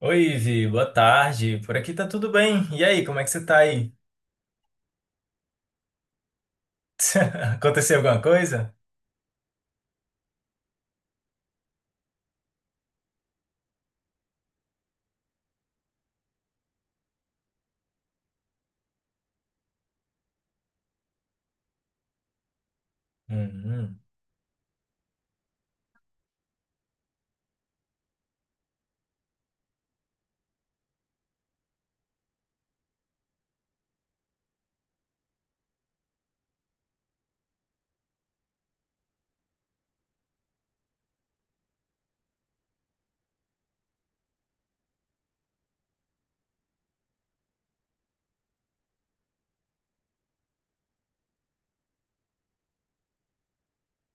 Oi, Ivi, boa tarde. Por aqui tá tudo bem. E aí, como é que você tá aí? Aconteceu alguma coisa? Hum.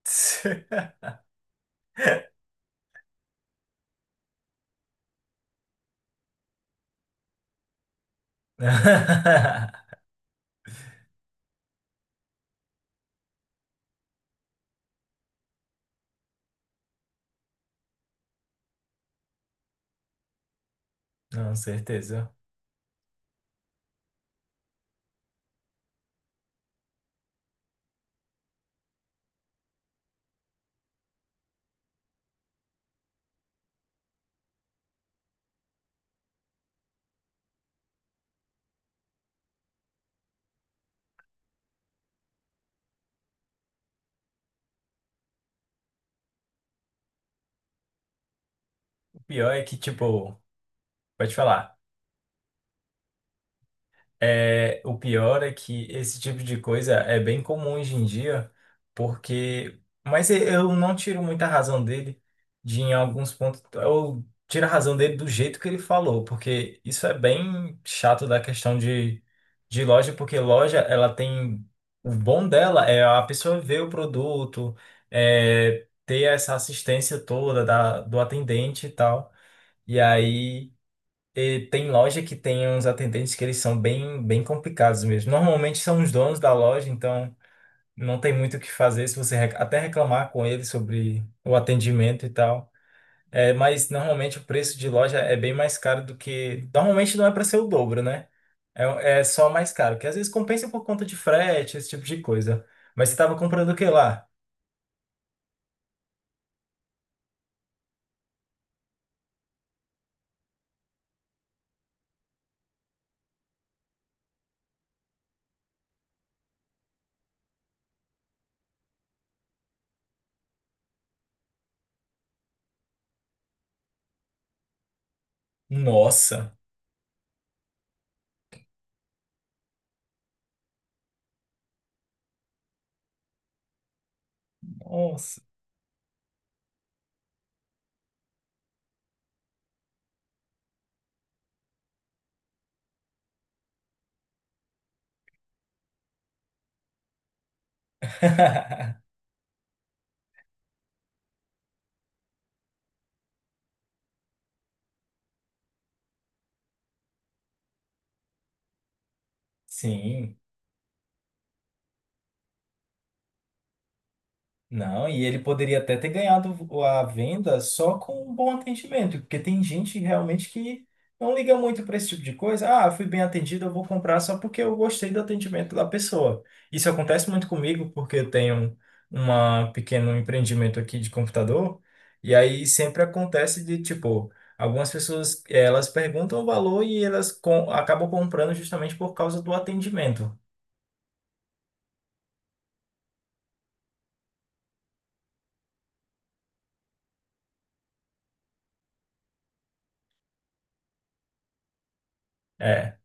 Não, certeza. O pior é que, tipo, pode falar. É, o pior é que esse tipo de coisa é bem comum hoje em dia, porque. Mas eu não tiro muita razão dele em alguns pontos. Eu tiro a razão dele do jeito que ele falou, porque isso é bem chato da questão de loja, porque loja, ela tem. O bom dela é a pessoa ver o produto, ter essa assistência toda do atendente e tal. E aí. E tem loja que tem uns atendentes que eles são bem, bem complicados mesmo. Normalmente são os donos da loja, então não tem muito o que fazer se você até reclamar com eles sobre o atendimento e tal. É, mas normalmente o preço de loja é bem mais caro do que. Normalmente não é para ser o dobro, né? É, é só mais caro, que às vezes compensa por conta de frete, esse tipo de coisa. Mas você estava comprando o que lá? Nossa! Nossa! Sim. Não, e ele poderia até ter ganhado a venda só com um bom atendimento, porque tem gente realmente que não liga muito para esse tipo de coisa. Ah, fui bem atendido, eu vou comprar só porque eu gostei do atendimento da pessoa. Isso acontece muito comigo, porque eu tenho um pequeno empreendimento aqui de computador, e aí sempre acontece de tipo, algumas pessoas elas perguntam o valor e elas acabam comprando justamente por causa do atendimento. É.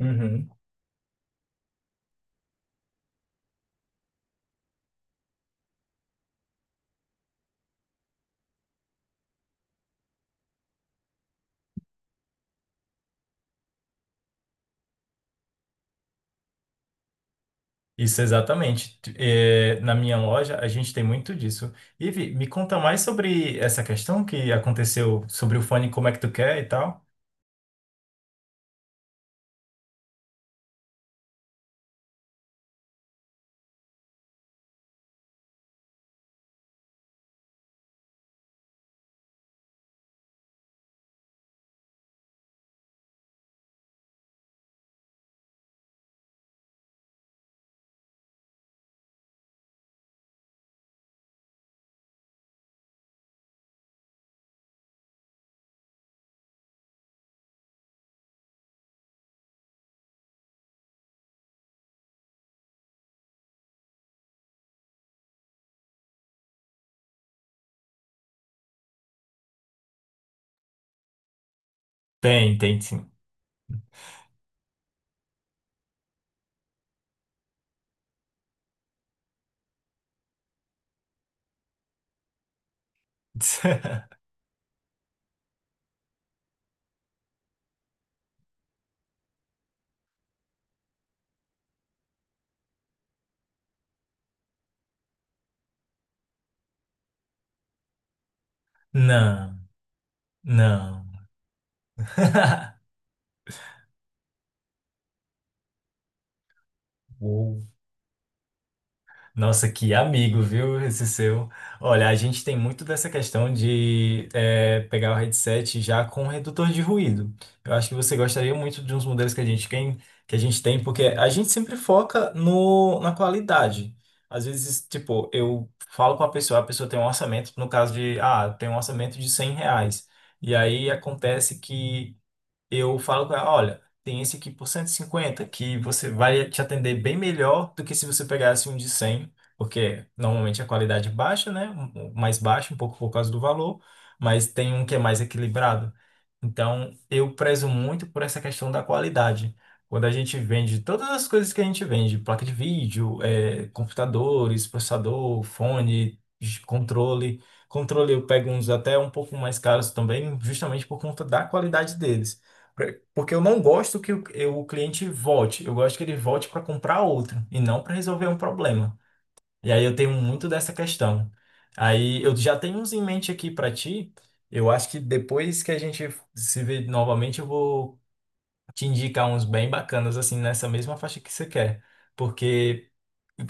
Uhum. Isso, exatamente. Na minha loja, a gente tem muito disso. Ivi, me conta mais sobre essa questão que aconteceu sobre o fone, como é que tu quer e tal. Tem, tem sim. Não, não. Nossa, que amigo, viu, esse seu. Olha, a gente tem muito dessa questão de pegar o headset já com redutor de ruído. Eu acho que você gostaria muito de uns modelos que a gente tem, porque a gente sempre foca no, na qualidade. Às vezes, tipo, eu falo com a pessoa tem um orçamento, no caso de, tem um orçamento de R$ 100. E aí acontece que eu falo com ela, olha, tem esse aqui por 150 que você vai te atender bem melhor do que se você pegasse um de 100 porque normalmente a qualidade é baixa, né? Um mais baixa, um pouco por causa do valor, mas tem um que é mais equilibrado. Então, eu prezo muito por essa questão da qualidade. Quando a gente vende todas as coisas que a gente vende, placa de vídeo, computadores, processador, fone, controle. Controle eu pego uns até um pouco mais caros também, justamente por conta da qualidade deles. É, porque eu não gosto que o cliente volte. Eu gosto que ele volte para comprar outro e não para resolver um problema. E aí eu tenho muito dessa questão. Aí eu já tenho uns em mente aqui para ti. Eu acho que depois que a gente se vê novamente, eu vou te indicar uns bem bacanas assim nessa mesma faixa que você quer. Porque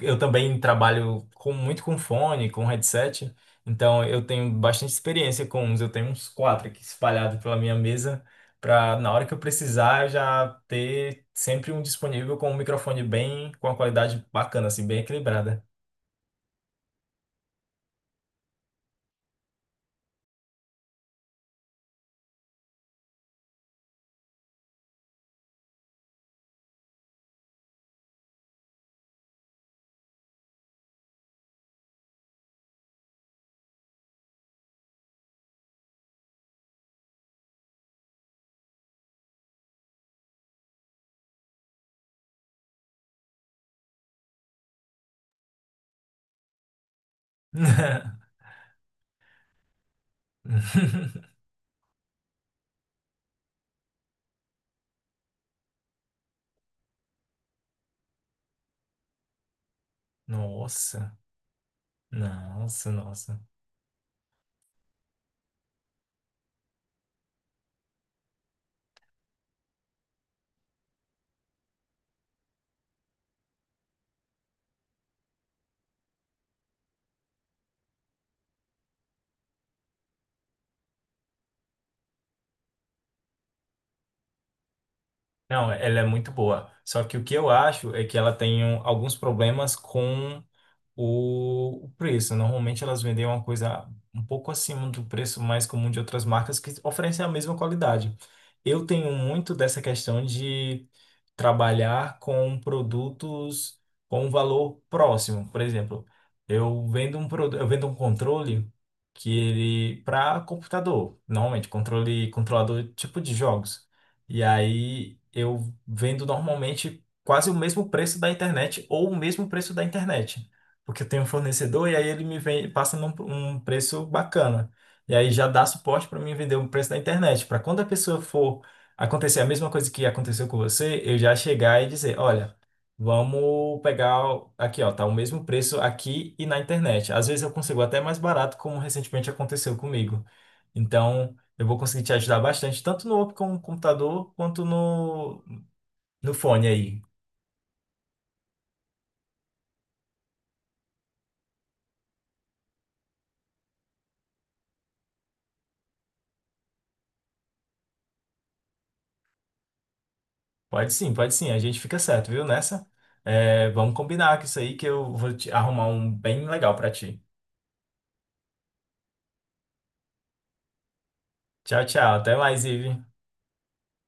eu também trabalho muito com fone, com headset, então eu tenho bastante experiência com uns. Eu tenho uns quatro aqui espalhados pela minha mesa, para na hora que eu precisar eu já ter sempre um disponível com um microfone bem, com uma qualidade bacana, assim, bem equilibrada. Nossa, nossa, nossa. Não, ela é muito boa. Só que o que eu acho é que ela tem alguns problemas com o preço. Normalmente elas vendem uma coisa um pouco acima do preço mais comum de outras marcas que oferecem a mesma qualidade. Eu tenho muito dessa questão de trabalhar com produtos com um valor próximo. Por exemplo, eu vendo um produto, eu vendo um controle que ele para computador, normalmente controle controlador tipo de jogos. E aí eu vendo normalmente quase o mesmo preço da internet ou o mesmo preço da internet. Porque eu tenho um fornecedor e aí ele me vem, passa um preço bacana. E aí já dá suporte para mim vender o preço da internet. Para quando a pessoa for acontecer a mesma coisa que aconteceu com você, eu já chegar e dizer, olha, vamos pegar aqui, ó, tá o mesmo preço aqui e na internet. Às vezes eu consigo até mais barato, como recentemente aconteceu comigo. Então, eu vou conseguir te ajudar bastante, tanto no computador quanto no fone aí. Pode sim, a gente fica certo, viu? Nessa, é, vamos combinar com isso aí que eu vou te arrumar um bem legal pra ti. Tchau, tchau, até mais, Ive.